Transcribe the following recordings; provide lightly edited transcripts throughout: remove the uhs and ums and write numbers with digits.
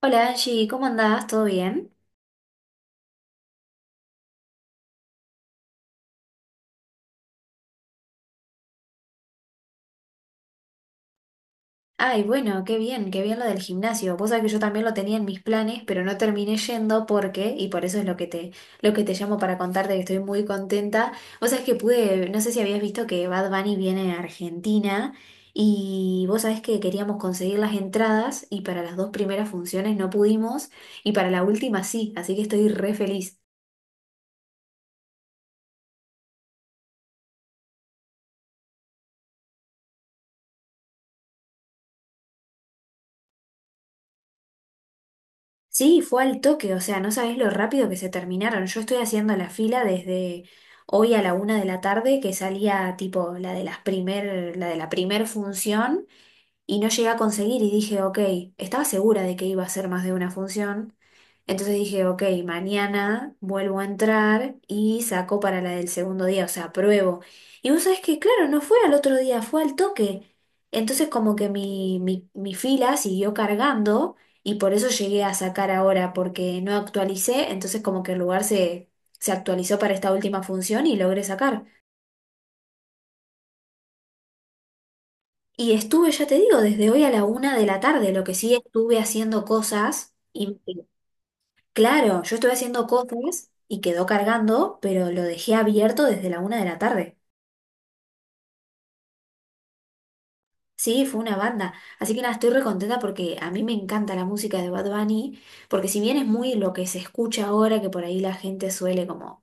Hola Angie, ¿cómo andás? ¿Todo bien? Ay, bueno, qué bien lo del gimnasio. Vos sabés que yo también lo tenía en mis planes, pero no terminé yendo porque, y por eso es lo que te llamo para contarte que estoy muy contenta. Vos sabés que pude, no sé si habías visto que Bad Bunny viene a Argentina y vos sabés que queríamos conseguir las entradas y para las dos primeras funciones no pudimos y para la última sí, así que estoy re feliz. Sí, fue al toque, o sea, no sabés lo rápido que se terminaron. Yo estoy haciendo la fila desde hoy a la una de la tarde, que salía tipo la de las primer, la de la primer función y no llegué a conseguir y dije, ok, estaba segura de que iba a ser más de una función, entonces dije, ok, mañana vuelvo a entrar y saco para la del segundo día, o sea, pruebo. Y vos sabés que, claro, no fue al otro día, fue al toque. Entonces como que mi fila siguió cargando y por eso llegué a sacar ahora, porque no actualicé, entonces como que el lugar se, se actualizó para esta última función y logré sacar. Y estuve, ya te digo, desde hoy a la una de la tarde, lo que sí estuve haciendo cosas y claro, yo estuve haciendo cosas y quedó cargando, pero lo dejé abierto desde la una de la tarde. Sí, fue una banda. Así que nada, estoy re contenta porque a mí me encanta la música de Bad Bunny, porque si bien es muy lo que se escucha ahora, que por ahí la gente suele como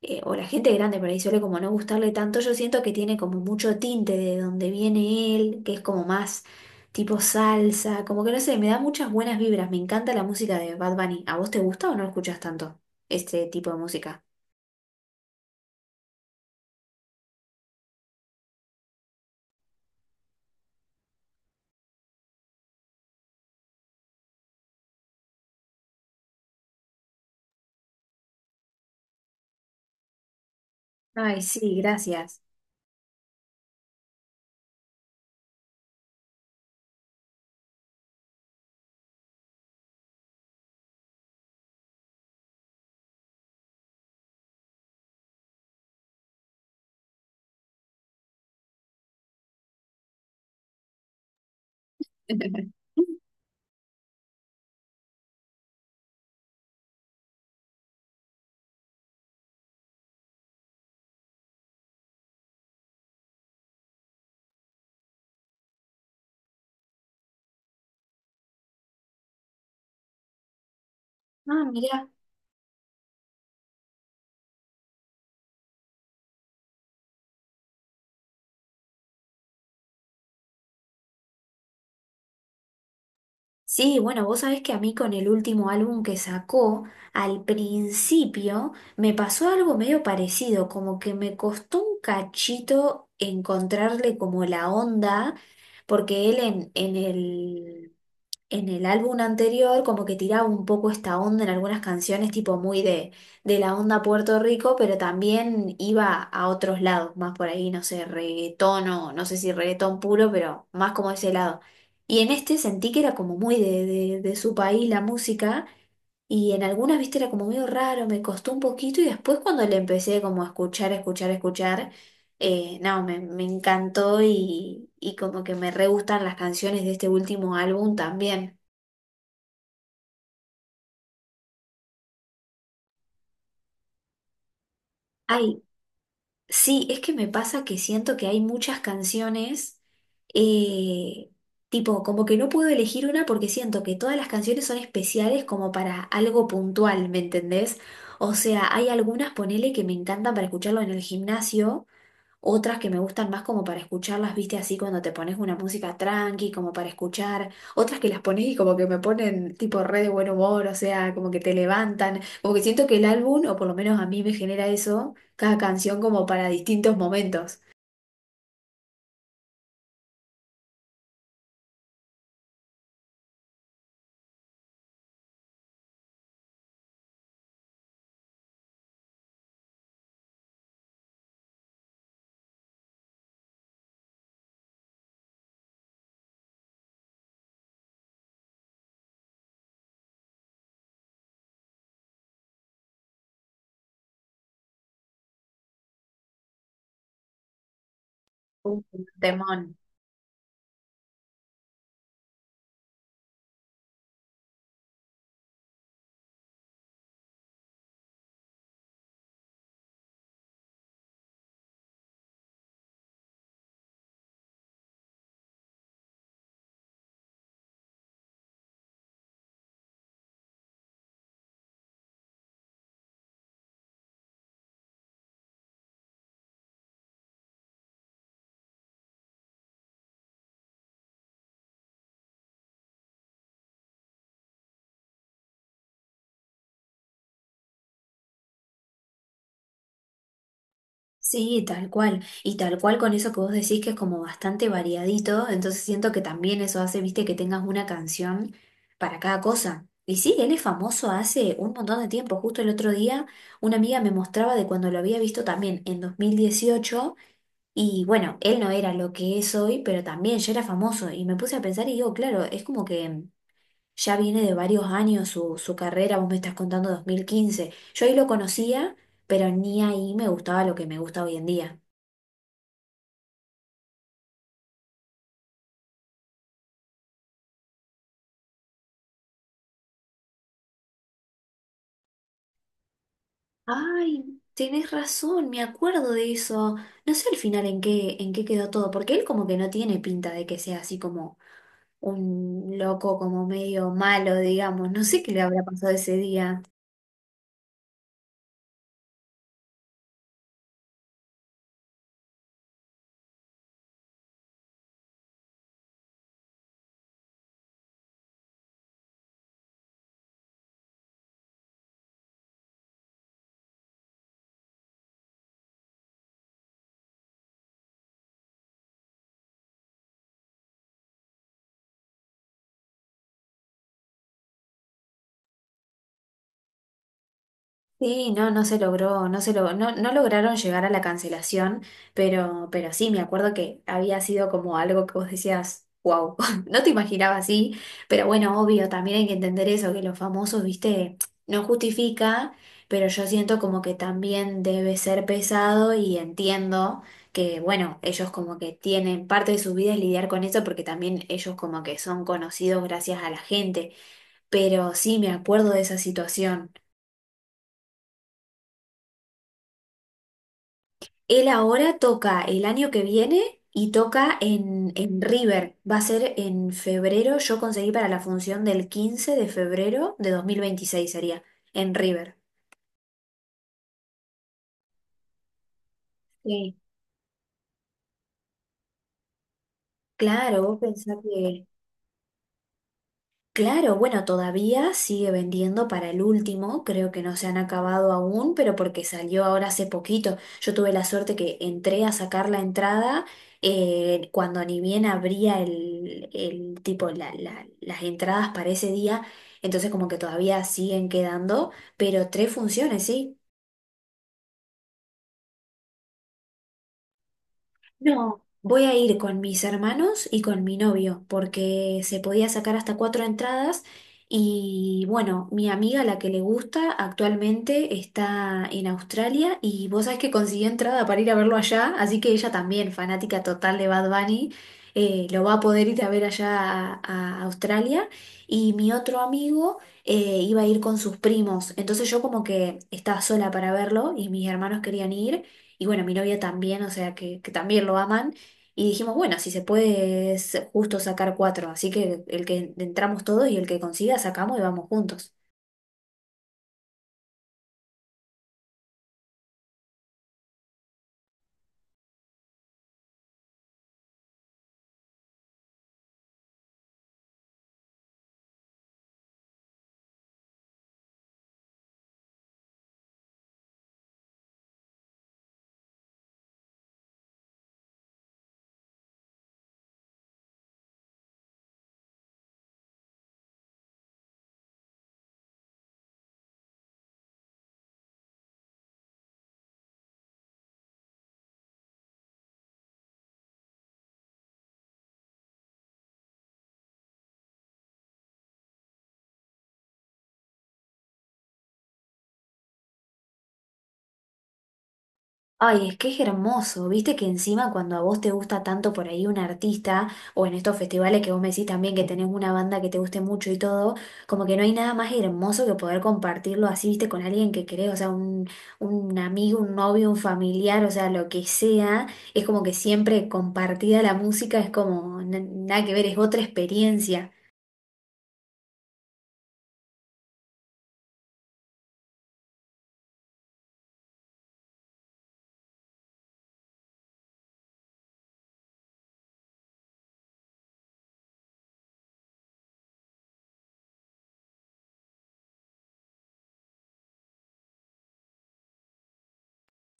o la gente grande por ahí suele como no gustarle tanto, yo siento que tiene como mucho tinte de donde viene él, que es como más tipo salsa, como que no sé, me da muchas buenas vibras, me encanta la música de Bad Bunny. ¿A vos te gusta o no escuchas tanto este tipo de música? Ay, sí, gracias. Ah, mirá. Sí, bueno, vos sabés que a mí con el último álbum que sacó, al principio me pasó algo medio parecido, como que me costó un cachito encontrarle como la onda, porque él en el en el álbum anterior como que tiraba un poco esta onda en algunas canciones, tipo muy de la onda Puerto Rico, pero también iba a otros lados, más por ahí, no sé, reggaetón o no sé si reggaetón puro, pero más como ese lado. Y en este sentí que era como muy de su país la música. Y en algunas, viste, era como medio raro, me costó un poquito y después cuando le empecé como a escuchar, escuchar, escuchar, no, me encantó y como que me re gustan las canciones de este último álbum también. Ay, sí, es que me pasa que siento que hay muchas canciones, eh, tipo, como que no puedo elegir una porque siento que todas las canciones son especiales como para algo puntual, ¿me entendés? O sea, hay algunas, ponele, que me encantan para escucharlo en el gimnasio. Otras que me gustan más como para escucharlas, viste, así cuando te pones una música tranqui, como para escuchar. Otras que las pones y como que me ponen tipo re de buen humor, o sea, como que te levantan. Como que siento que el álbum, o por lo menos a mí me genera eso, cada canción como para distintos momentos. Un temón. Sí, tal cual. Y tal cual con eso que vos decís que es como bastante variadito, entonces siento que también eso hace, viste, que tengas una canción para cada cosa. Y sí, él es famoso hace un montón de tiempo. Justo el otro día una amiga me mostraba de cuando lo había visto también en 2018 y bueno, él no era lo que es hoy, pero también ya era famoso. Y me puse a pensar y digo, claro, es como que ya viene de varios años su, su carrera, vos me estás contando 2015, yo ahí lo conocía, pero ni ahí me gustaba lo que me gusta hoy en día. Ay, tenés razón, me acuerdo de eso. No sé al final en qué quedó todo, porque él como que no tiene pinta de que sea así como un loco, como medio malo, digamos. No sé qué le habrá pasado ese día. Sí, no, no se logró, no se logró, no, no lograron llegar a la cancelación, pero sí, me acuerdo que había sido como algo que vos decías, wow, no te imaginabas, así, pero bueno, obvio, también hay que entender eso, que los famosos, viste, no justifica, pero yo siento como que también debe ser pesado y entiendo que, bueno, ellos como que tienen parte de su vida es lidiar con eso, porque también ellos como que son conocidos gracias a la gente, pero sí, me acuerdo de esa situación. Él ahora toca el año que viene y toca en River. Va a ser en febrero. Yo conseguí para la función del 15 de febrero de 2026 sería, en River. Sí. Claro, vos pensás que claro, bueno, todavía sigue vendiendo para el último, creo que no se han acabado aún, pero porque salió ahora hace poquito. Yo tuve la suerte que entré a sacar la entrada cuando ni bien abría el tipo la- la- las entradas para ese día, entonces como que todavía siguen quedando, pero tres funciones, ¿sí? No, voy a ir con mis hermanos y con mi novio, porque se podía sacar hasta cuatro entradas y bueno, mi amiga, la que le gusta, actualmente está en Australia y vos sabés que consiguió entrada para ir a verlo allá, así que ella también, fanática total de Bad Bunny, lo va a poder ir a ver allá a Australia. Y mi otro amigo iba a ir con sus primos, entonces yo como que estaba sola para verlo y mis hermanos querían ir. Y bueno, mi novia también, o sea que también lo aman. Y dijimos, bueno, si se puede es justo sacar cuatro. Así que el que entramos todos y el que consiga sacamos y vamos juntos. Ay, es que es hermoso, viste que encima cuando a vos te gusta tanto por ahí un artista, o en estos festivales que vos me decís también que tenés una banda que te guste mucho y todo, como que no hay nada más hermoso que poder compartirlo así, viste, con alguien que querés, o sea, un amigo, un novio, un familiar, o sea, lo que sea, es como que siempre compartida la música es como na- nada que ver, es otra experiencia.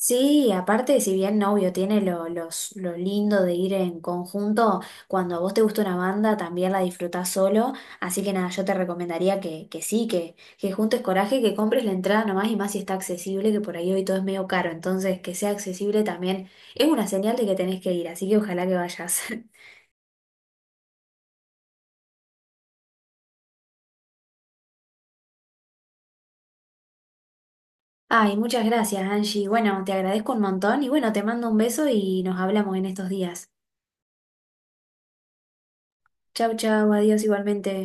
Sí, aparte, si bien novio tiene lo, los, lo lindo de ir en conjunto, cuando a vos te gusta una banda también la disfrutás solo, así que nada, yo te recomendaría que sí, que juntes coraje, que compres la entrada nomás y más si está accesible, que por ahí hoy todo es medio caro, entonces que sea accesible también es una señal de que tenés que ir, así que ojalá que vayas. Ay, muchas gracias, Angie. Bueno, te agradezco un montón y bueno, te mando un beso y nos hablamos en estos días. Chau, chau, adiós igualmente.